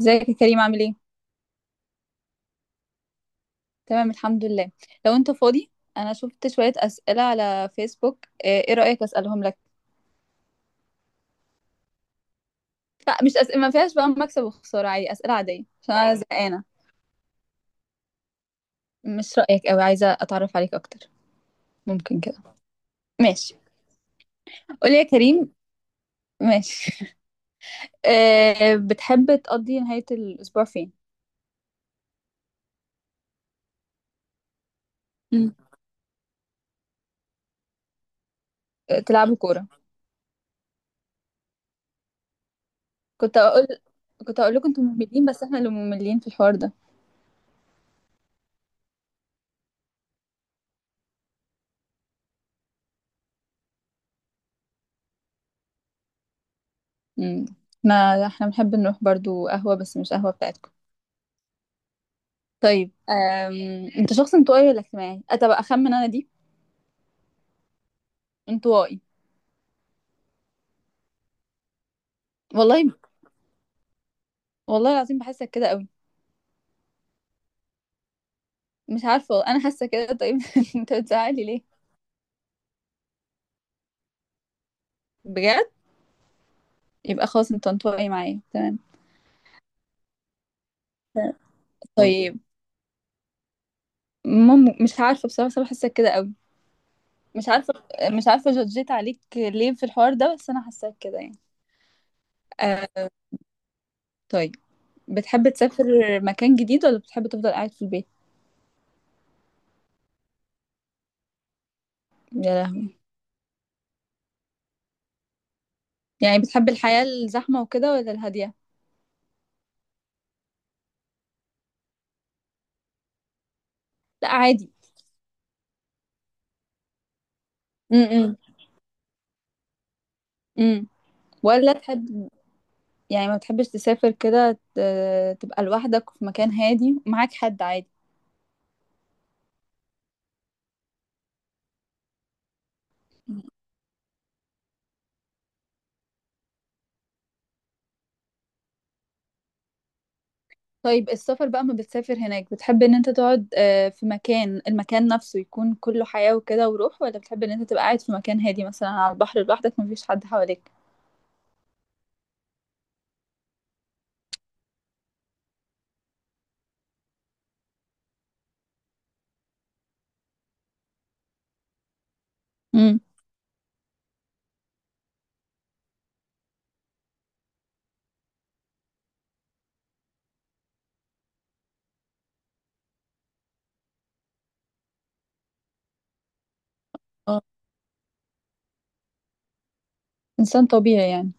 ازيك يا كريم، عامل ايه؟ تمام، الحمد لله. لو انت فاضي، انا شفت شوية اسئلة على فيسبوك، إيه رأيك اسألهم لك؟ لا، مش أسئلة ما فيهاش بقى مكسب وخسارة، عادي، اسئلة عادية عشان انا زهقانة. مش رأيك قوي، عايزة اتعرف عليك اكتر، ممكن كده؟ ماشي، قولي يا كريم، ماشي. إيه بتحب تقضي نهاية الاسبوع فين؟ مم. إيه، تلعبوا كورة؟ كنت اقول كنت اقول لكم انتم مملين، بس احنا اللي مملين في الحوار ده. امم احنا بنحب نروح برضو قهوة، بس مش قهوة بتاعتكم. طيب انت شخص انطوائي ولا اجتماعي؟ طب اخمن انا دي. انطوائي. والله، والله العظيم بحسك كده قوي. مش عارفه والله. انا حاسه كده. طيب انت بتزعلي ليه؟ بجد؟ يبقى خلاص، انت انطوائي معايا، تمام. طيب، مش عارفه بصراحه، بس أنا حاسه كده قوي. مش عارفه، مش عارفه جدجيت عليك ليه في الحوار ده، بس انا حاساك كده يعني. أه... طيب، بتحب تسافر مكان جديد ولا بتحب تفضل قاعد في البيت؟ يا لهوي. يعني بتحب الحياه الزحمه وكده ولا الهاديه؟ لا، عادي. امم ولا تحب، يعني ما بتحبش تسافر كده تبقى لوحدك في مكان هادي ومعاك حد عادي؟ طيب، السفر بقى، ما بتسافر هناك بتحب ان انت تقعد في مكان، المكان نفسه يكون كله حياة وكده وروح، ولا بتحب ان انت تبقى قاعد في مكان هادي مثلا على البحر لوحدك مفيش حد حواليك؟ امم اه، انسان طبيعي يعني.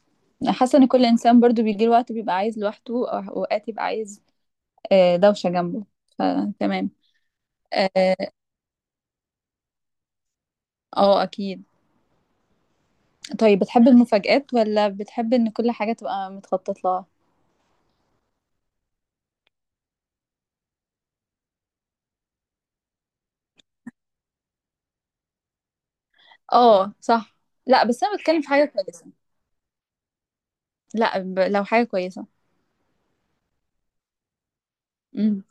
حاسه ان كل انسان برضو بيجي له وقت بيبقى عايز لوحده، او اوقات يبقى عايز دوشه جنبه، فتمام. اه، اكيد. طيب، بتحب المفاجآت ولا بتحب ان كل حاجه تبقى متخطط لها؟ اه صح. لا، بس انا بتكلم في حاجه كويسه، لا لو حاجه كويسه. امم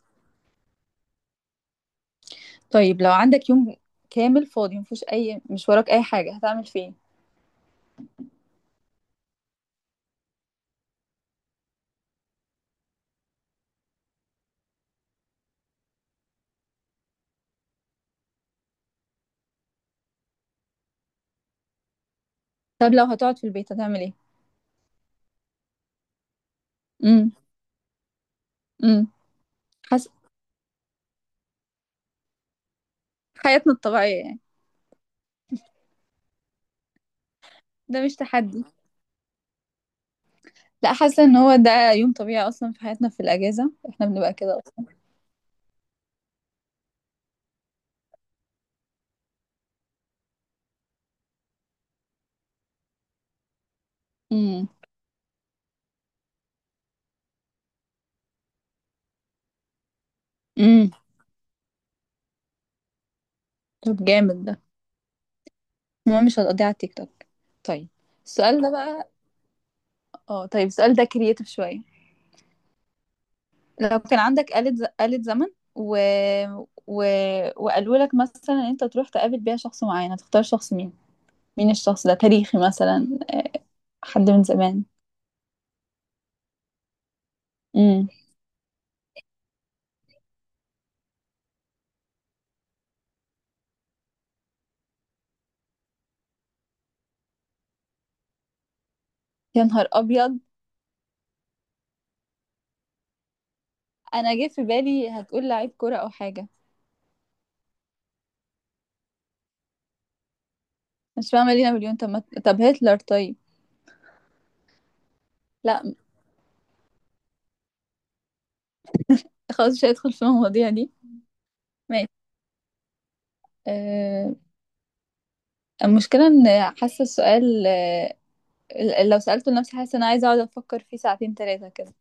طيب، لو عندك يوم كامل فاضي مفيش اي، مش وراك اي حاجه، هتعمل فيه إيه؟ طب لو هتقعد في البيت هتعمل ايه؟ امم امم حس... حياتنا الطبيعيه يعني. ده مش تحدي. لا، حاسه ان هو ده يوم طبيعي اصلا في حياتنا، في الاجازه احنا بنبقى كده اصلا. امم امم طب جامد ده. المهم، مش هتقضيها على التيك توك. طيب، السؤال ده بقى، اه طيب السؤال ده كرييتيف شويه. لو كان عندك آلة زمن، و... و... وقالوا لك مثلا إن انت تروح تقابل بيها شخص معين، هتختار شخص مين؟ مين الشخص ده، تاريخي مثلا، حد من زمان؟ امم يا نهار ابيض. انا جه في بالي هتقول لعيب كرة او حاجة. مش فاهمة، لينا مليون؟ طب طب هتلر طيب. لا خلاص، مش هيدخل في المواضيع دي. ماشي. أه. المشكلة ان حاسة السؤال أه، لو سألته لنفسي حاسة ان انا عايزة اقعد افكر فيه ساعتين تلاتة كده.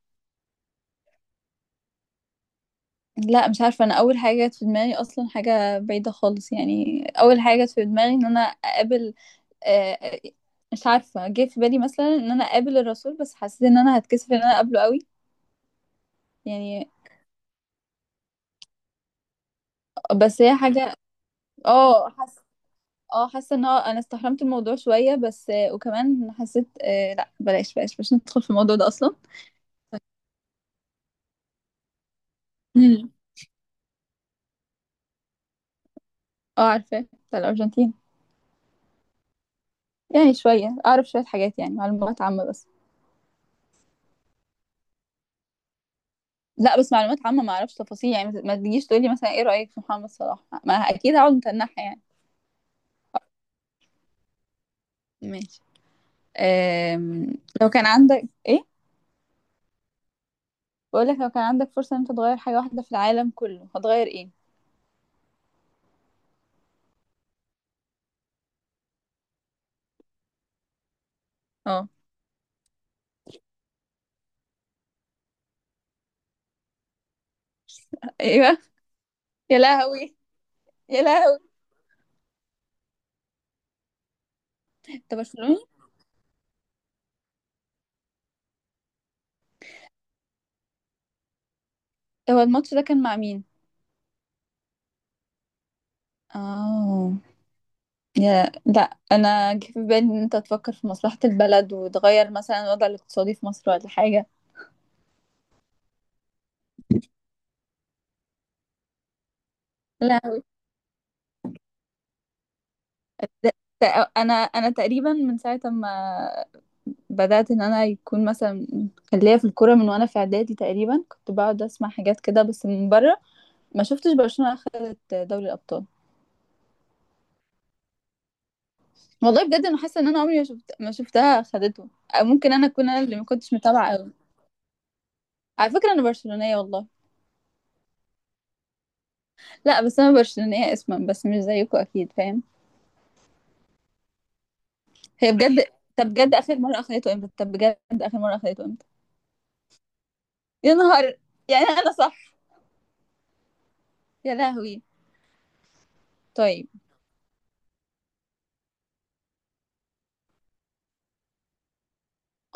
لا مش عارفة، أنا أول حاجة جت في دماغي أصلا حاجة بعيدة خالص يعني، أول حاجة جت في دماغي إن أنا أقابل آه، آه، مش عارفة، جه في بالي مثلا إن أنا أقابل الرسول، بس حسيت إن أنا هتكسف إن أنا أقابله قوي يعني. بس هي حاجة، اه حاسة، اه حاسة إن هو أنا استحرمت الموضوع شوية، بس وكمان حسيت لا بلاش بلاش، مش ندخل في الموضوع ده أصلا. مم. اه عارفة، بتاع الأرجنتين. يعني شوية أعرف شوية حاجات يعني، معلومات عامة بس. لا بس معلومات عامة ما اعرفش تفاصيل يعني، ما تجيش تقولي مثلا ايه رأيك في محمد صلاح، ما اكيد هقعد متنحة يعني. ماشي. أم... لو كان عندك ايه، بقول لك لو كان عندك فرصة ان انت تغير حاجة واحدة في العالم كله، هتغير ايه؟ اه. ايوه. يا لهوي، يا لهوي، انت برشلوني؟ هو الماتش ده كان مع مين؟ اه، يا لا، انا جه في بالي ان انت تفكر في مصلحة البلد وتغير مثلا الوضع الاقتصادي في مصر ولا حاجة. لا. ده- انا تقريبا من ساعه ما بدات ان انا يكون مثلا، كان ليا في الكوره من وانا في اعدادي تقريبا، كنت بقعد اسمع حاجات كده بس من بره. ما شفتش برشلونه اخذت دوري الابطال. والله بجد، انا حاسه ان انا عمري ما شفتها اخذته. أو ممكن انا اكون انا اللي ما كنتش متابعه قوي. على فكره انا برشلونيه والله. لا بس انا برشلونيه اسما بس مش زيكم اكيد، فاهم؟ هي بجد. طب بجد اخر مره اخذته امتى؟ يا نهار. يعني انا صح. يا لهوي. طيب،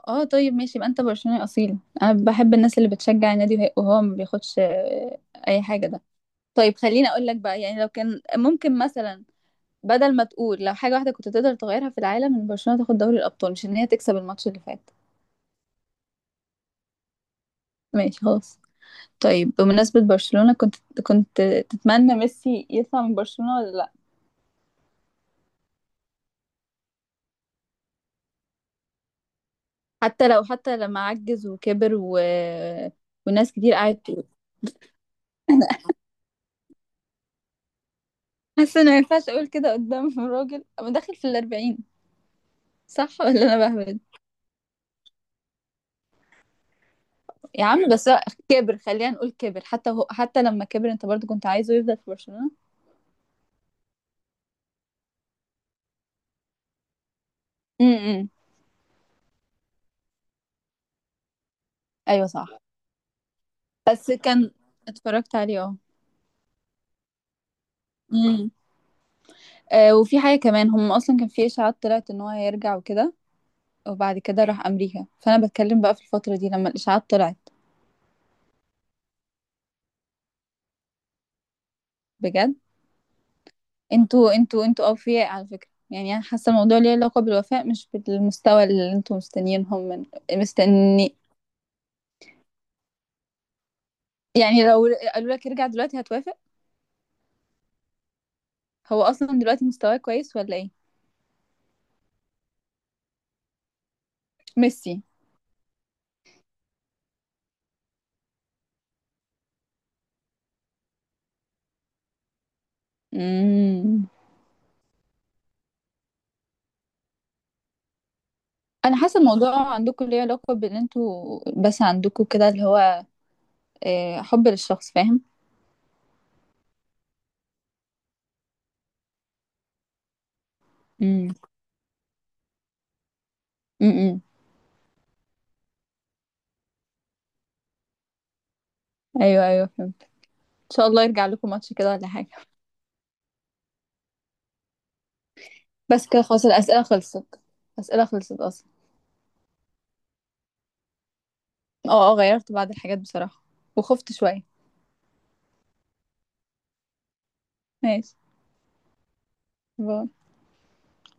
اه طيب ماشي، يبقى انت برشلوني اصيل، انا بحب الناس اللي بتشجع النادي وهو ما بياخدش اي حاجه ده. طيب، خليني اقول لك بقى يعني، لو كان ممكن مثلا، بدل ما تقول لو حاجه واحده كنت تقدر تغيرها في العالم ان برشلونه تاخد دوري الابطال، مش ان هي تكسب الماتش اللي فات. ماشي خلاص. طيب، بمناسبه برشلونه، كنت تتمنى ميسي يطلع من برشلونه ولا لا؟ حتى لو، حتى لما عجز وكبر، وناس كتير قعدت تقول. حاسه ان ما ينفعش اقول كده قدام راجل أنا داخل في الاربعين، صح ولا انا بهبل؟ يا عم بس هو كبر، خلينا نقول كبر، حتى هو حتى لما كبر انت برضو كنت عايزه يفضل في برشلونة. امم ايوه صح. بس كان اتفرجت عليه، اه. امم آه، وفي حاجة كمان، هم اصلا كان في اشاعات طلعت ان هو هيرجع وكده، وبعد كده راح امريكا، فانا بتكلم بقى في الفترة دي لما الاشاعات طلعت. بجد. انتوا اوفياء على فكرة، يعني انا حاسة الموضوع ليه علاقة بالوفاء مش بالمستوى اللي انتوا مستنيينهم من، مستني يعني لو قالوا لك ارجع دلوقتي هتوافق؟ هو اصلا دلوقتي مستواه كويس ولا ايه؟ ميسي. امم انا حاسه الموضوع عندكم ليه علاقه بان انتوا بس عندكم كده اللي هو حب للشخص، فاهم؟ امم امم ايوه ايوه فهمت. ان شاء الله يرجع لكم ماتش كده ولا حاجه. بس كده خلاص، الاسئله خلصت، الاسئله خلصت اصلا. اه اه، غيرت بعض الحاجات بصراحه، وخفت شويه. ماشي. باي.